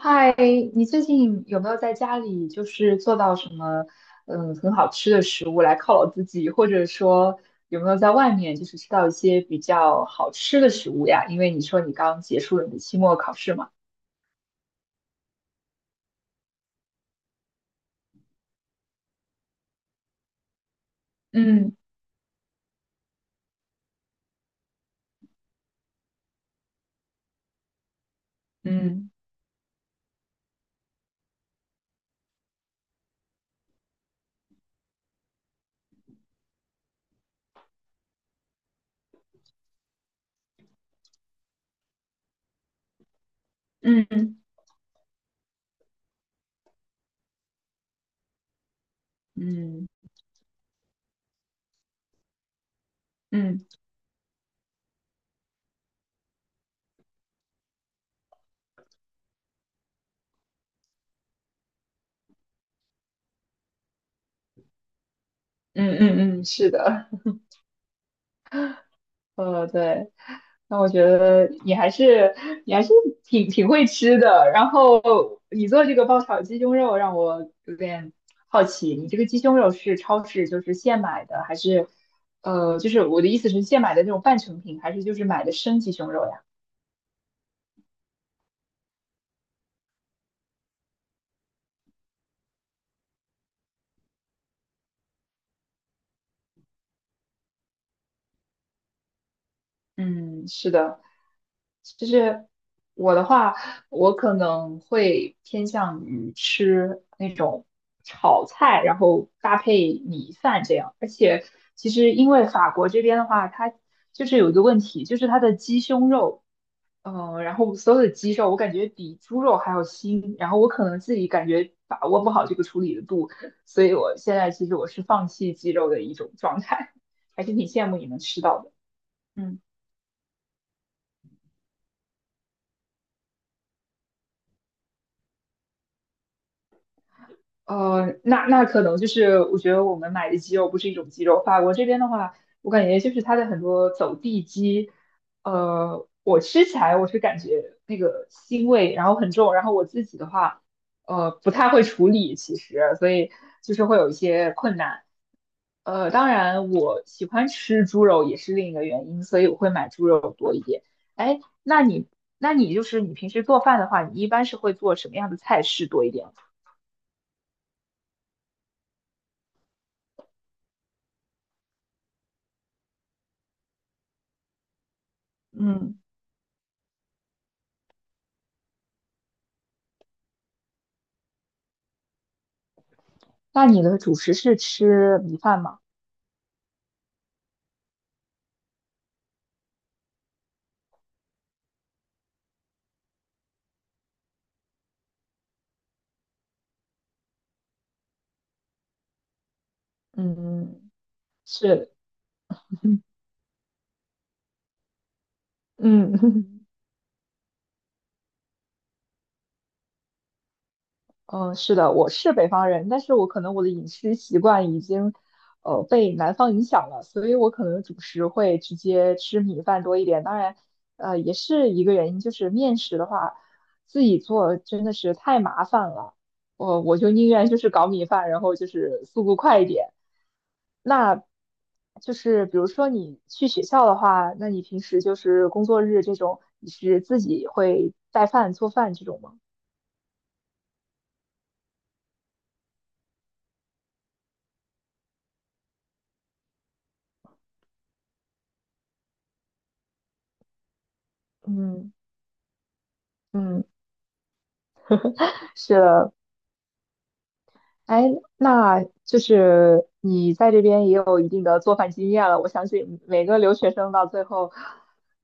嗨，你最近有没有在家里就是做到什么很好吃的食物来犒劳自己，或者说有没有在外面就是吃到一些比较好吃的食物呀？因为你说你刚结束了你的期末考试嘛。嗯嗯嗯嗯嗯嗯嗯嗯，嗯，是的。对，那我觉得你还是挺会吃的。然后你做这个爆炒鸡胸肉让我有点好奇，你这个鸡胸肉是超市就是现买的，还是就是我的意思是现买的那种半成品，还是就是买的生鸡胸肉呀？嗯，是的。就是我的话，我可能会偏向于吃那种炒菜，然后搭配米饭这样。而且其实因为法国这边的话，它就是有一个问题，就是它的鸡胸肉，然后所有的鸡肉我感觉比猪肉还要腥，然后我可能自己感觉把握不好这个处理的度，所以我现在其实我是放弃鸡肉的一种状态，还是挺羡慕你能吃到的。嗯。那可能就是我觉得我们买的鸡肉不是一种鸡肉。法国这边的话，我感觉就是它的很多走地鸡，我吃起来我是感觉那个腥味，然后很重。然后我自己的话，不太会处理，其实，所以就是会有一些困难。当然我喜欢吃猪肉也是另一个原因，所以我会买猪肉多一点。哎，那你就是你平时做饭的话，你一般是会做什么样的菜式多一点？嗯。那你的主食是吃米饭吗？嗯，是，嗯，嗯，是的，我是北方人，但是我可能我的饮食习惯已经，被南方影响了，所以我可能主食会直接吃米饭多一点。当然，也是一个原因，就是面食的话，自己做真的是太麻烦了，我就宁愿就是搞米饭，然后就是速度快一点。那就是比如说你去学校的话，那你平时就是工作日这种，你是自己会带饭做饭这种吗？嗯。嗯。是的，哎，那就是你在这边也有一定的做饭经验了。我相信每个留学生到最后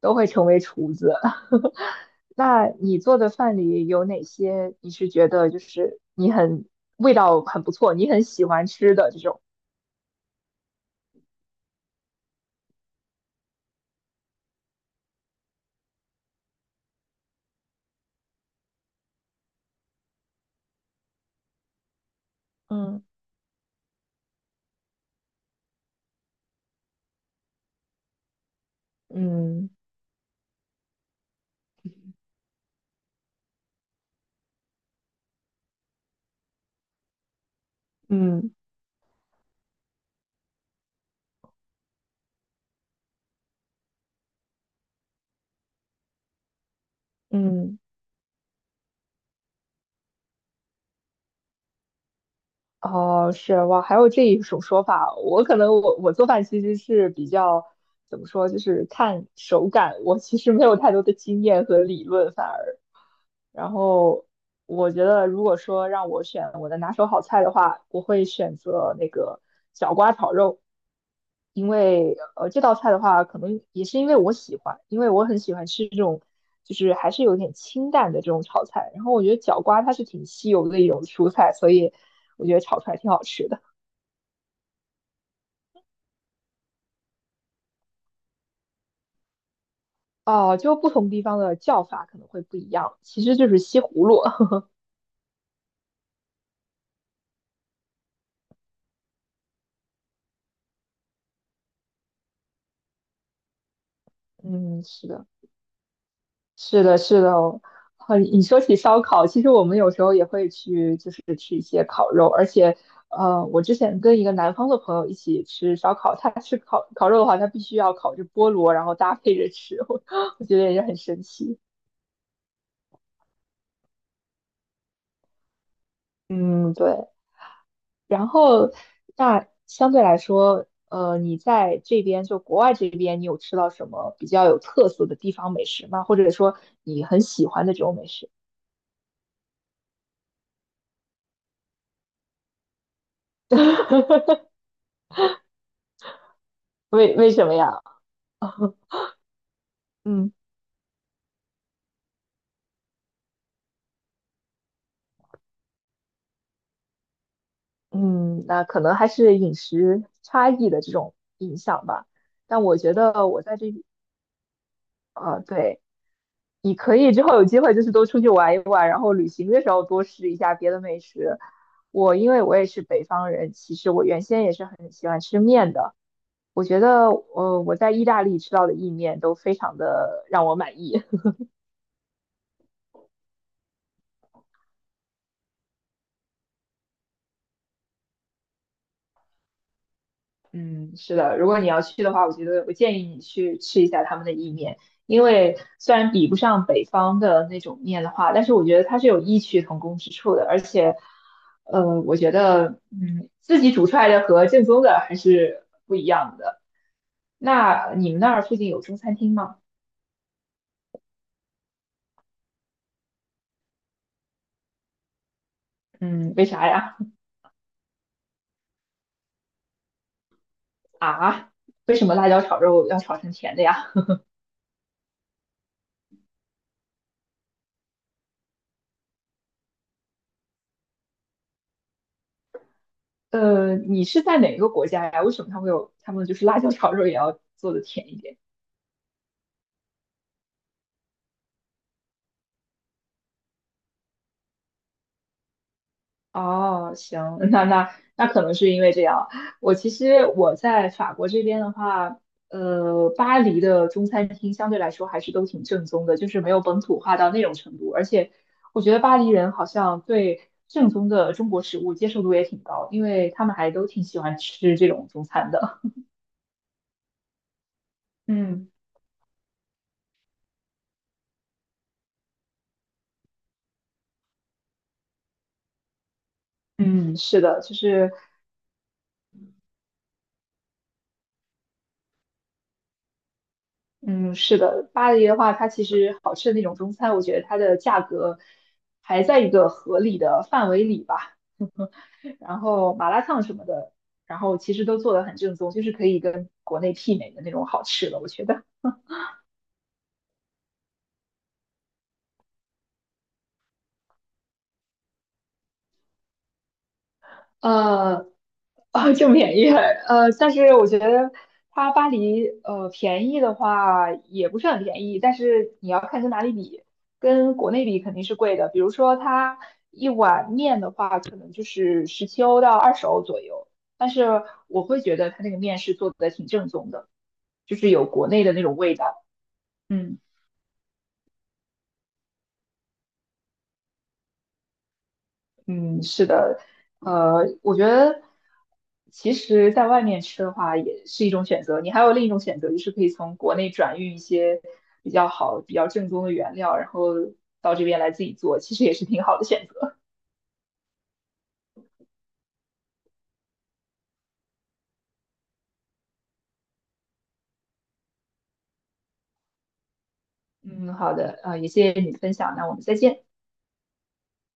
都会成为厨子。那你做的饭里有哪些你是觉得就是你很味道很不错，你很喜欢吃的这种？嗯嗯嗯嗯。哦，是哇，还有这一种说法。我可能我做饭其实是比较怎么说，就是看手感。我其实没有太多的经验和理论，反而。然后我觉得，如果说让我选我的拿手好菜的话，我会选择那个角瓜炒肉，因为这道菜的话，可能也是因为我喜欢，因为我很喜欢吃这种就是还是有点清淡的这种炒菜。然后我觉得角瓜它是挺稀有的一种蔬菜，所以我觉得炒出来挺好吃的。哦，就不同地方的叫法可能会不一样，其实就是西葫芦。嗯，是的。是的，是的哦，很，你说起烧烤，其实我们有时候也会去，就是吃一些烤肉，而且，我之前跟一个南方的朋友一起吃烧烤，他吃烤肉的话，他必须要烤着菠萝，然后搭配着吃，我觉得也是很神奇。嗯，对。然后，那相对来说，你在这边就国外这边，你有吃到什么比较有特色的地方美食吗？或者说你很喜欢的这种美食？为什么呀？嗯。嗯，那可能还是饮食差异的这种影响吧。但我觉得我在这，啊，对，你可以之后有机会就是多出去玩一玩，然后旅行的时候多试一下别的美食。我因为我也是北方人，其实我原先也是很喜欢吃面的。我觉得，我在意大利吃到的意面都非常的让我满意。嗯，是的，如果你要去的话，我觉得我建议你去吃一下他们的意面，因为虽然比不上北方的那种面的话，但是我觉得它是有异曲同工之处的，而且，我觉得，自己煮出来的和正宗的还是不一样的。那你们那儿附近有中餐厅吗？嗯，为啥呀？啊，为什么辣椒炒肉要炒成甜的呀？你是在哪个国家呀？为什么他们就是辣椒炒肉也要做的甜一点？哦，行，那那可能是因为这样。我其实我在法国这边的话，巴黎的中餐厅相对来说还是都挺正宗的，就是没有本土化到那种程度。而且我觉得巴黎人好像对正宗的中国食物接受度也挺高，因为他们还都挺喜欢吃这种中餐的。嗯嗯，是的，就是，嗯，是的，巴黎的话，它其实好吃的那种中餐，我觉得它的价格还在一个合理的范围里吧。然后麻辣烫什么的，然后其实都做的很正宗，就是可以跟国内媲美的那种好吃的，我觉得。呃，啊，就便宜，但是我觉得它巴黎，便宜的话也不是很便宜，但是你要看跟哪里比，跟国内比肯定是贵的。比如说它一碗面的话，可能就是17欧到20欧左右，但是我会觉得它那个面是做的挺正宗的，就是有国内的那种味道。嗯。嗯，是的，我觉得其实在外面吃的话也是一种选择。你还有另一种选择，就是可以从国内转运一些比较好、比较正宗的原料，然后到这边来自己做，其实也是挺好的选择。嗯，好的，也谢谢你的分享，那我们再见。